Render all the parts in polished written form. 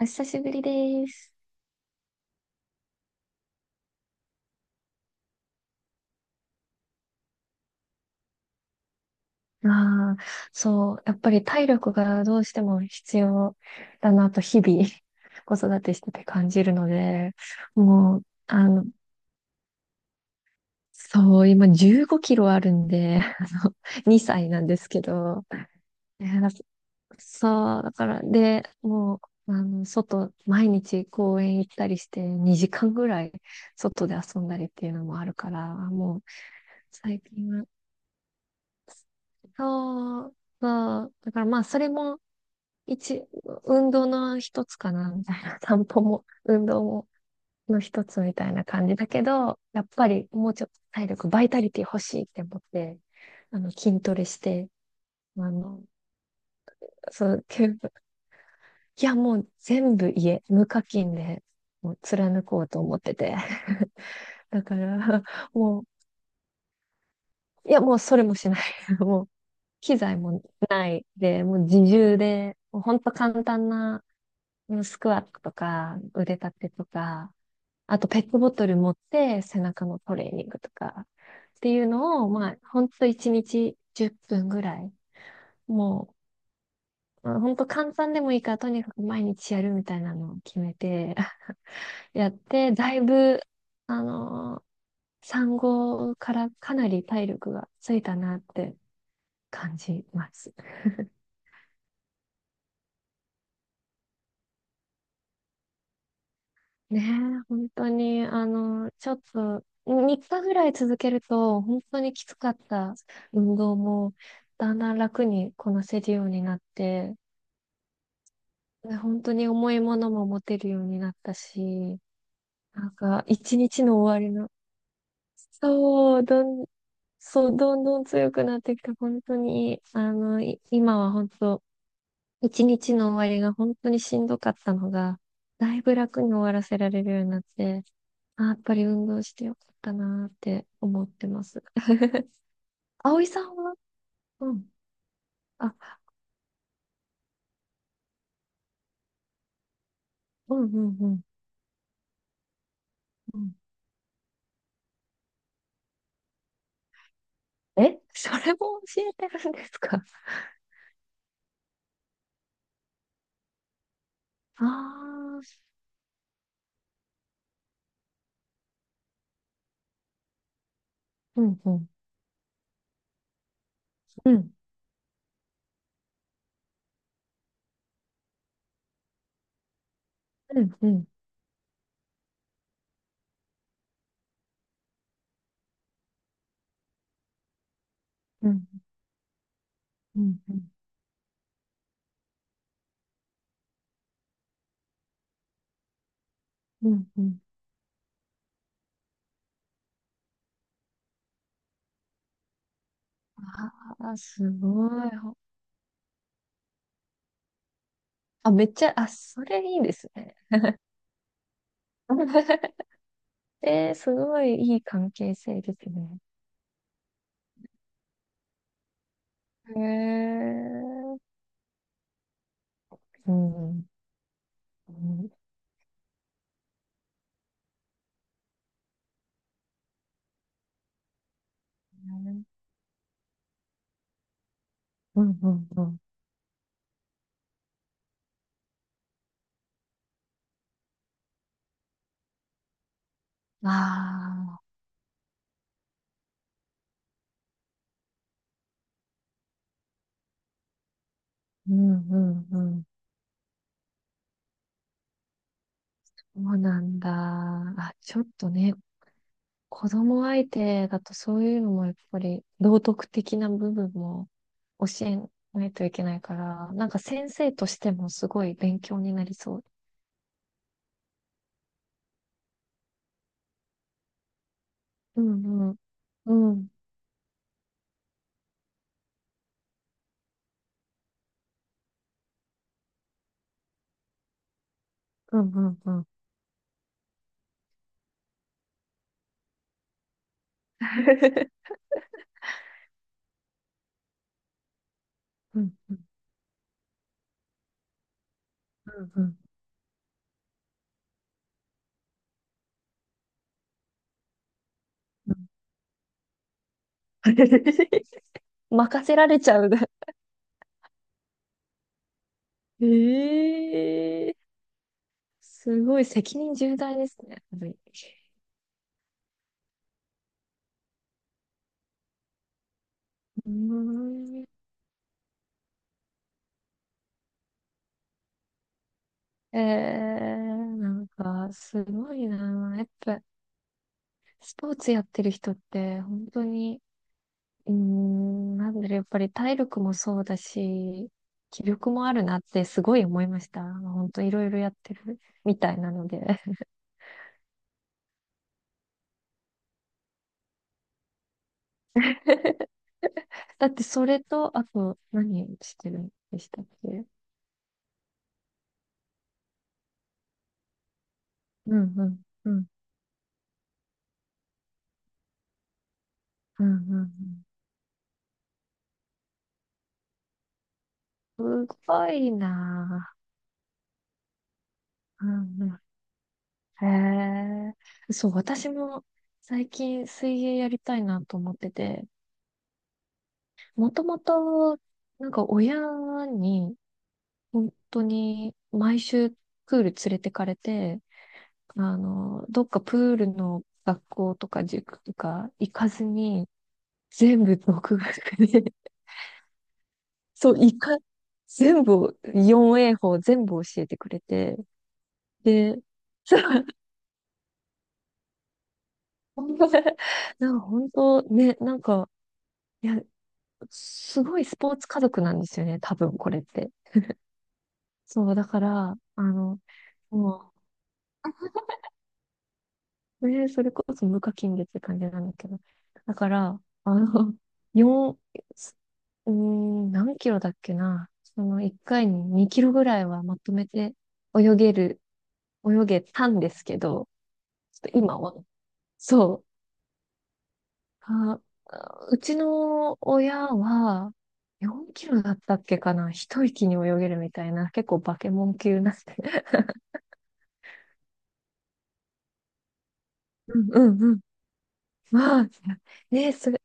お久しぶりです。ああ、そう、やっぱり体力がどうしても必要だなと日々 子育てしてて感じるので、もう、そう、今15キロあるんで、2歳なんですけど、いやそう、だから、で、もう、外、毎日公園行ったりして2時間ぐらい外で遊んだりっていうのもあるから、もう、最近はそうそう。だからまあ、それも一、運動の一つかな、みたいな。散歩も、運動も、の一つみたいな感じだけど、やっぱりもうちょっと体力、バイタリティ欲しいって思って、筋トレして、あの、そう、けどいや、もう全部家、無課金で、もう貫こうと思ってて。だから、もう、いや、もうそれもしない。もう、機材もないで、もう自重で、もうほんと簡単なスクワットとか、腕立てとか、あとペットボトル持って背中のトレーニングとかっていうのを、まあ、ほんと1日10分ぐらい、もう、ほんと簡単でもいいから、とにかく毎日やるみたいなのを決めて やって、だいぶ、あのー産後からかなり体力がついたなって感じます。ねえ、本当に、ちょっと、3日ぐらい続けると、本当にきつかった運動も、だんだん楽にこなせるようになって、で本当に重いものも持てるようになったし、なんか、一日の終わりの、そう、そう、どんどん強くなってきて、本当に、今は本当、一日の終わりが本当にしんどかったのが、だいぶ楽に終わらせられるようになって、あ、やっぱり運動してよかったなーって思ってます。葵さんは。うん。あ、うんうんうん。うん。え、それも教えてるんですかああー、うんうん。うん。うんうん。うんうんうん。うんうん。あーすごい。あ、めっちゃ、あ、それいいですね。えー、すごいいい関係性ですね。へえ。うん。うんうんうん。うああ。うんうんうん。そうなんだ。あ、ちょっとね、子供相手だとそういうのもやっぱり道徳的な部分も教えないといけないから、なんか先生としてもすごい勉強になりそう。うんうんうんうんうんうん うんうんうんうんうん。任せられちゃうね。ええ、すごい責任重大ですね。やっぱりうーんなんか、すごいな。やっぱ、スポーツやってる人って、本当に、うーん、なんだろう、やっぱり体力もそうだし、気力もあるなってすごい思いました。本当いろいろやってるみたいなので。だって、それと、あと、何してるんでしたっけ？うんうん、うん、うん、うん。うん、すごいな。うんうん。へえ。そう、私も最近水泳やりたいなと思ってて、もともと、なんか親に、本当に毎週プール連れてかれて、どっかプールの学校とか塾とか行かずに、全部独学で、そう、全部を、4A 法全部教えてくれて、で、そう、なんか本当ね、なんか、いや、すごいスポーツ家族なんですよね、多分これって。そう、だから、もう、ねそれこそ無課金でって感じなんだけど。だから、4、何キロだっけな。その1回に2キロぐらいはまとめて泳げる、泳げたんですけど、ちょっと今は、そう、あ、うちの親は4キロだったっけかな。一息に泳げるみたいな、結構バケモン級なんで。うんうんうん。わあ、ねそれ、やっ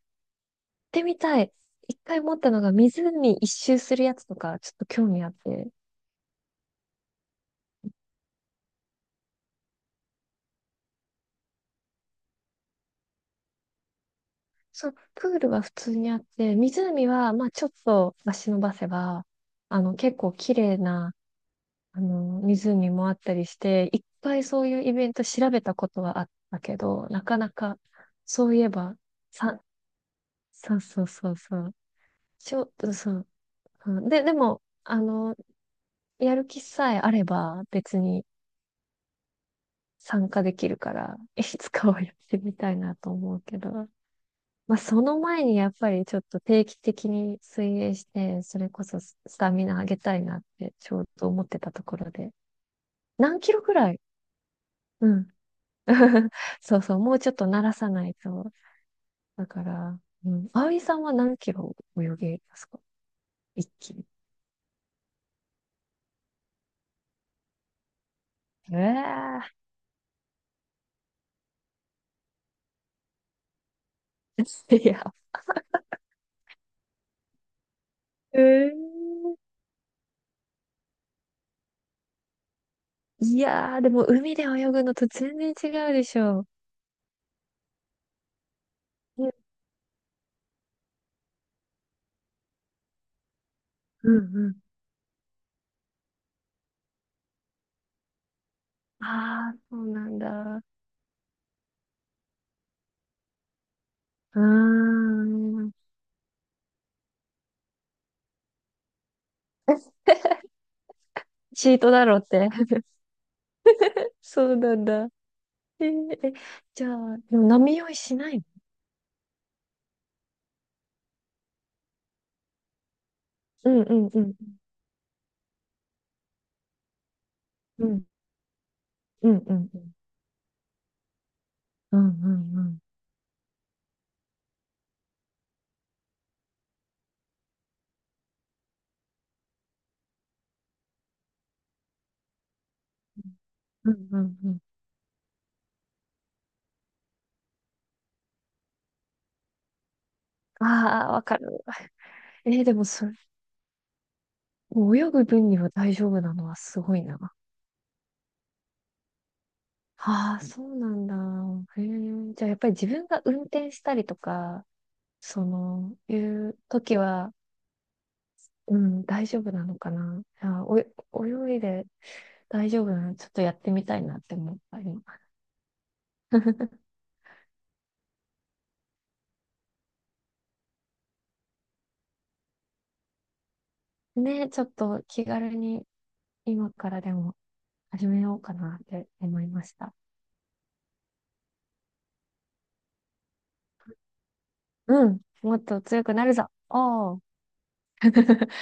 てみたい。一回持ったのが湖一周するやつとか、ちょっと興味あって。そう、プールは普通にあって、湖は、まあちょっと足伸ばせば、結構綺麗な、湖もあったりして、一回そういうイベント調べたことはあったけど、なかなか、そういえば、さ、そうそうそうそう。ちょっとそう。うんで、でも、やる気さえあれば、別に、参加できるから、いつかはやってみたいなと思うけど。まあ、その前にやっぱりちょっと定期的に水泳して、それこそススタミナ上げたいなってちょうど思ってたところで。何キロくらい？うん。そうそう、もうちょっと慣らさないと。だから、うん。葵さんは何キロ泳げますか？一気に。ええー いや、えーいやー、でも海で泳ぐのと全然違うでしょう。うんうん。ああ、そうなんだ。うーん。シートだろうって。そうなんだ。え、じゃあ、でも波酔いしないの？うんうんうん。うん。うんうんうん。うんうんうん。うんうんうん。ああ、わかる。でもそれ、もう泳ぐ分には大丈夫なのはすごいな。ああ、そうなんだ。へえ。じゃあ、やっぱり自分が運転したりとか、その、いう時は、うん、大丈夫なのかな。いや、お、泳いで大丈夫なの、ちょっとやってみたいなって思った今。ね、ちょっと気軽に今からでも始めようかなって思いました。うん、もっと強くなるぞ。おー。